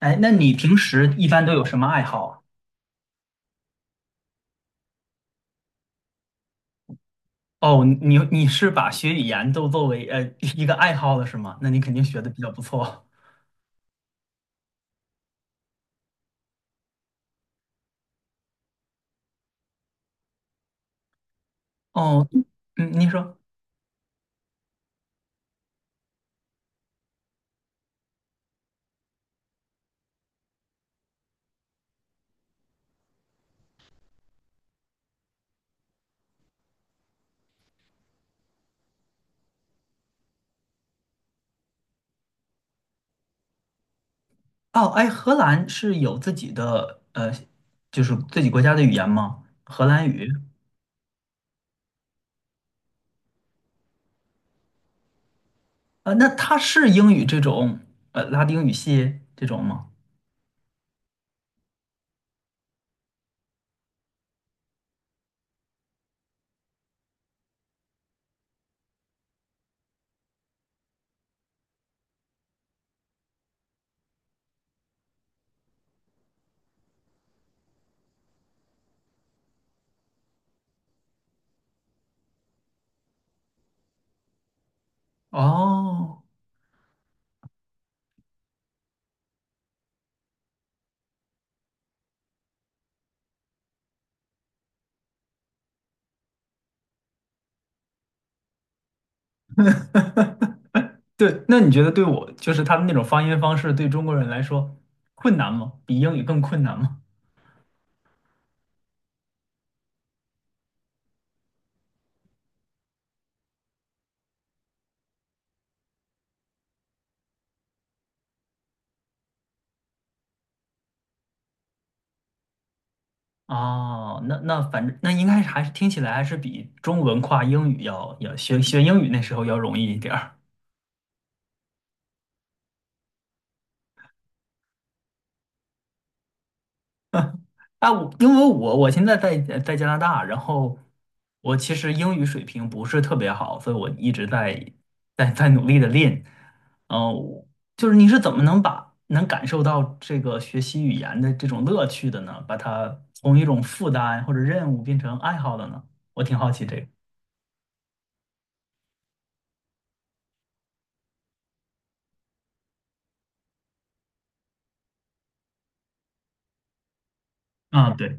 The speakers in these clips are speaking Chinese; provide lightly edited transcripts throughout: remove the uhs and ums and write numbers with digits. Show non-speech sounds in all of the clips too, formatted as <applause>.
哎，那你平时一般都有什么爱好啊？哦，你是把学语言都作为一个爱好了是吗？那你肯定学的比较不错。哦，嗯，你说。哦，哎，荷兰是有自己的就是自己国家的语言吗？荷兰语？那它是英语这种拉丁语系这种吗？哦，对，那你觉得对我就是他们那种发音方式对中国人来说困难吗？比英语更困难吗？哦，那反正那应该是还是听起来还是比中文跨英语要学英语那时候要容易一点儿啊。因为我现在在加拿大，然后我其实英语水平不是特别好，所以我一直在努力的练。哦，就是你是怎么能把能感受到这个学习语言的这种乐趣的呢？把它从一种负担或者任务变成爱好的呢？我挺好奇这个。啊，对，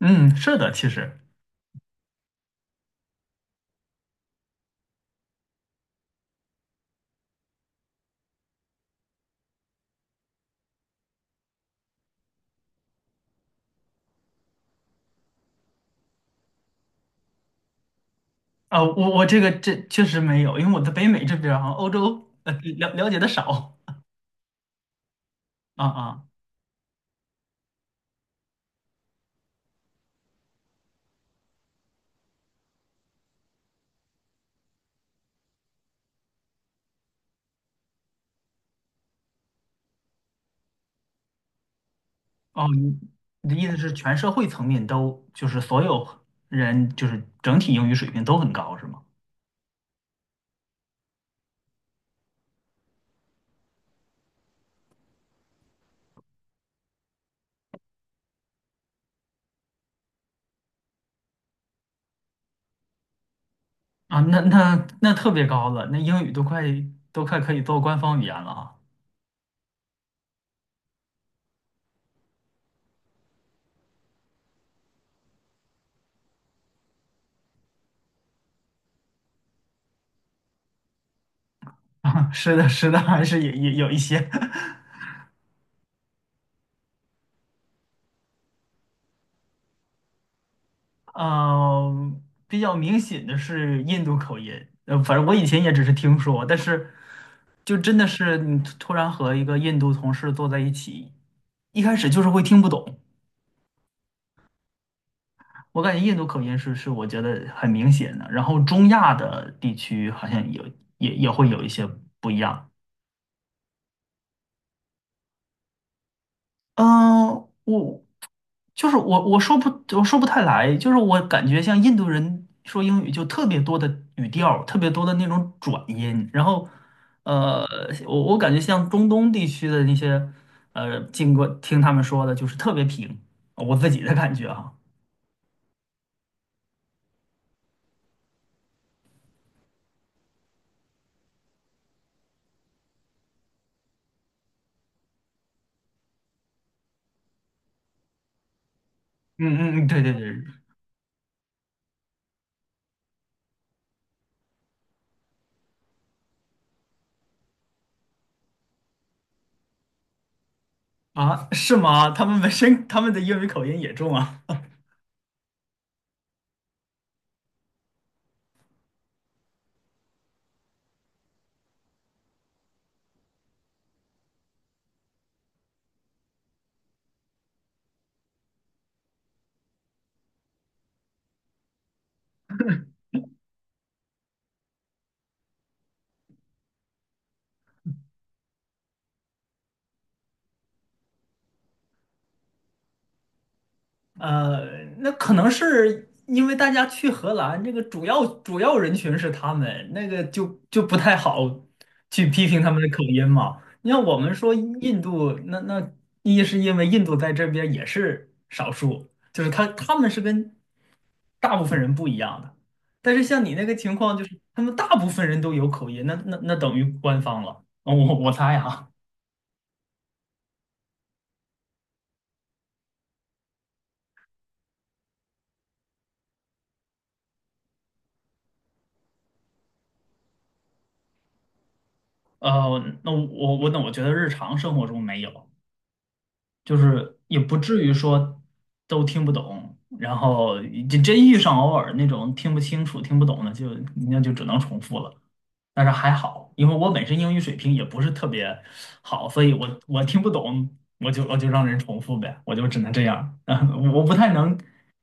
嗯，是的，其实。啊，我这个这确实没有，因为我在北美这边啊，欧洲了解的少。啊，啊，哦，你的意思是全社会层面都就是所有人就是整体英语水平都很高是吗？啊，那特别高了，那英语都快可以做官方语言了啊！<laughs> 啊，是的，是的，还是有一些。<laughs> 嗯，比较明显的是印度口音。呃，反正我以前也只是听说，但是就真的是你突然和一个印度同事坐在一起，一开始就是会听不懂。我感觉印度口音是我觉得很明显的，然后中亚的地区好像有也会有一些不一样。嗯，我就是我，我说不，我说不太来，就是我感觉像印度人说英语就特别多的语调，特别多的那种转音。然后，呃，我感觉像中东地区的那些，呃，经过听他们说的，就是特别平，我自己的感觉啊。嗯，嗯，嗯，对，对，对。啊，是吗？他们本身他们的英语口音也重啊。呃，那可能是因为大家去荷兰，这个主要人群是他们，那个就不太好去批评他们的口音嘛。你像我们说印度，那一是因为印度在这边也是少数，就是他们是跟大部分人不一样的。但是像你那个情况，就是他们大部分人都有口音，那等于官方了。哦，我猜啊。那我觉得日常生活中没有。就是也不至于说都听不懂，然后就真遇上偶尔那种听不清楚、听不懂的就，那就只能重复了。但是还好，因为我本身英语水平也不是特别好，所以我听不懂，我就让人重复呗，我就只能这样。<laughs> 嗯我不太能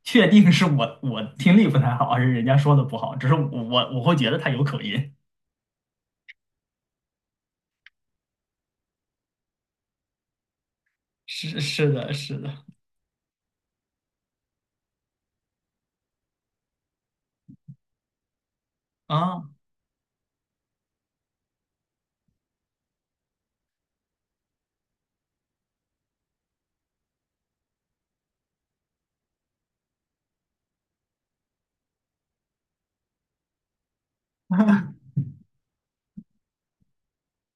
确定是我听力不太好，还是人家说的不好，只是我会觉得他有口音。<laughs> 是的，是的啊。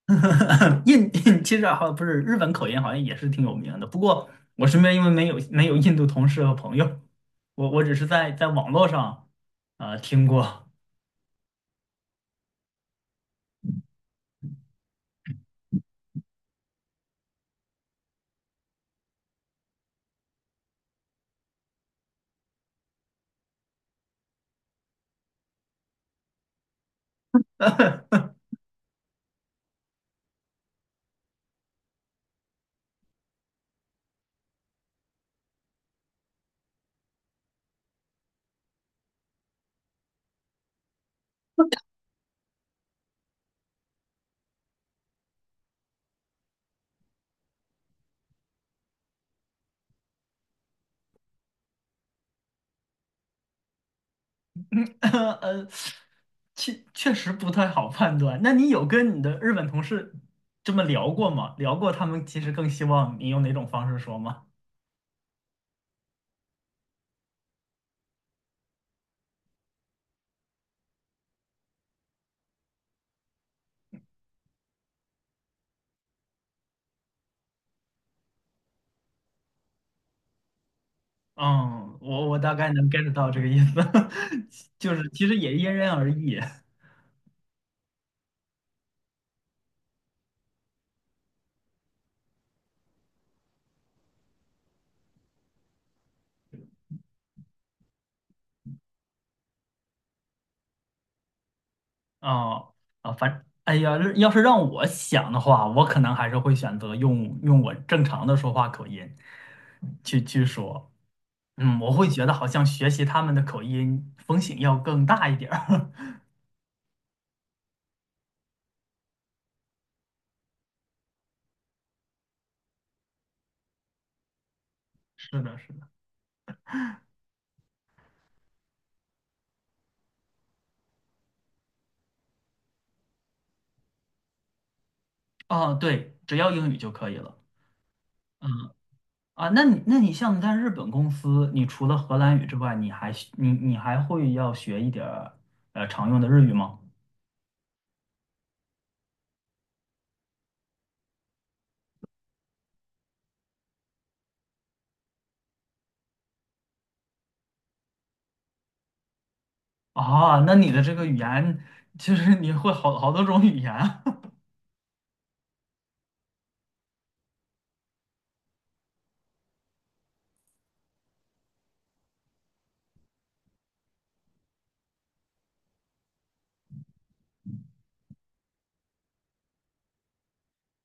<laughs> 其实好不是日本口音，好像也是挺有名的。不过我身边因为没有印度同事和朋友，我只是在网络上听过。<laughs> 呃，确确实不太好判断。那你有跟你的日本同事这么聊过吗？聊过他们其实更希望你用哪种方式说吗？嗯，我大概能 get 到这个意思。<laughs> 就是其实也因人而异。哦，啊，反，哎呀，要是让我想的话，我可能还是会选择用我正常的说话口音去说。嗯，我会觉得好像学习他们的口音风险要更大一点儿。<laughs> 是的，是的。哦，对，只要英语就可以了。嗯，啊，那你像在日本公司，你除了荷兰语之外，你还会要学一点儿常用的日语吗？啊，那你的这个语言其实你会好多种语言。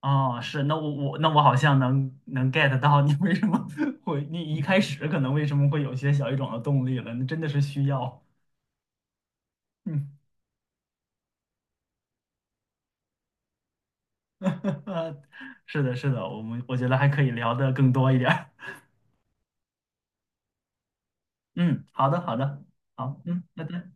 哦，是，那我好像能 get 到你为什么 <laughs> 会，你一开始可能为什么会有些小语种的动力了，那真的是需要。嗯。<laughs> 是的，是的，我觉得还可以聊得更多一点儿。嗯，好的，好的，好，嗯，拜拜。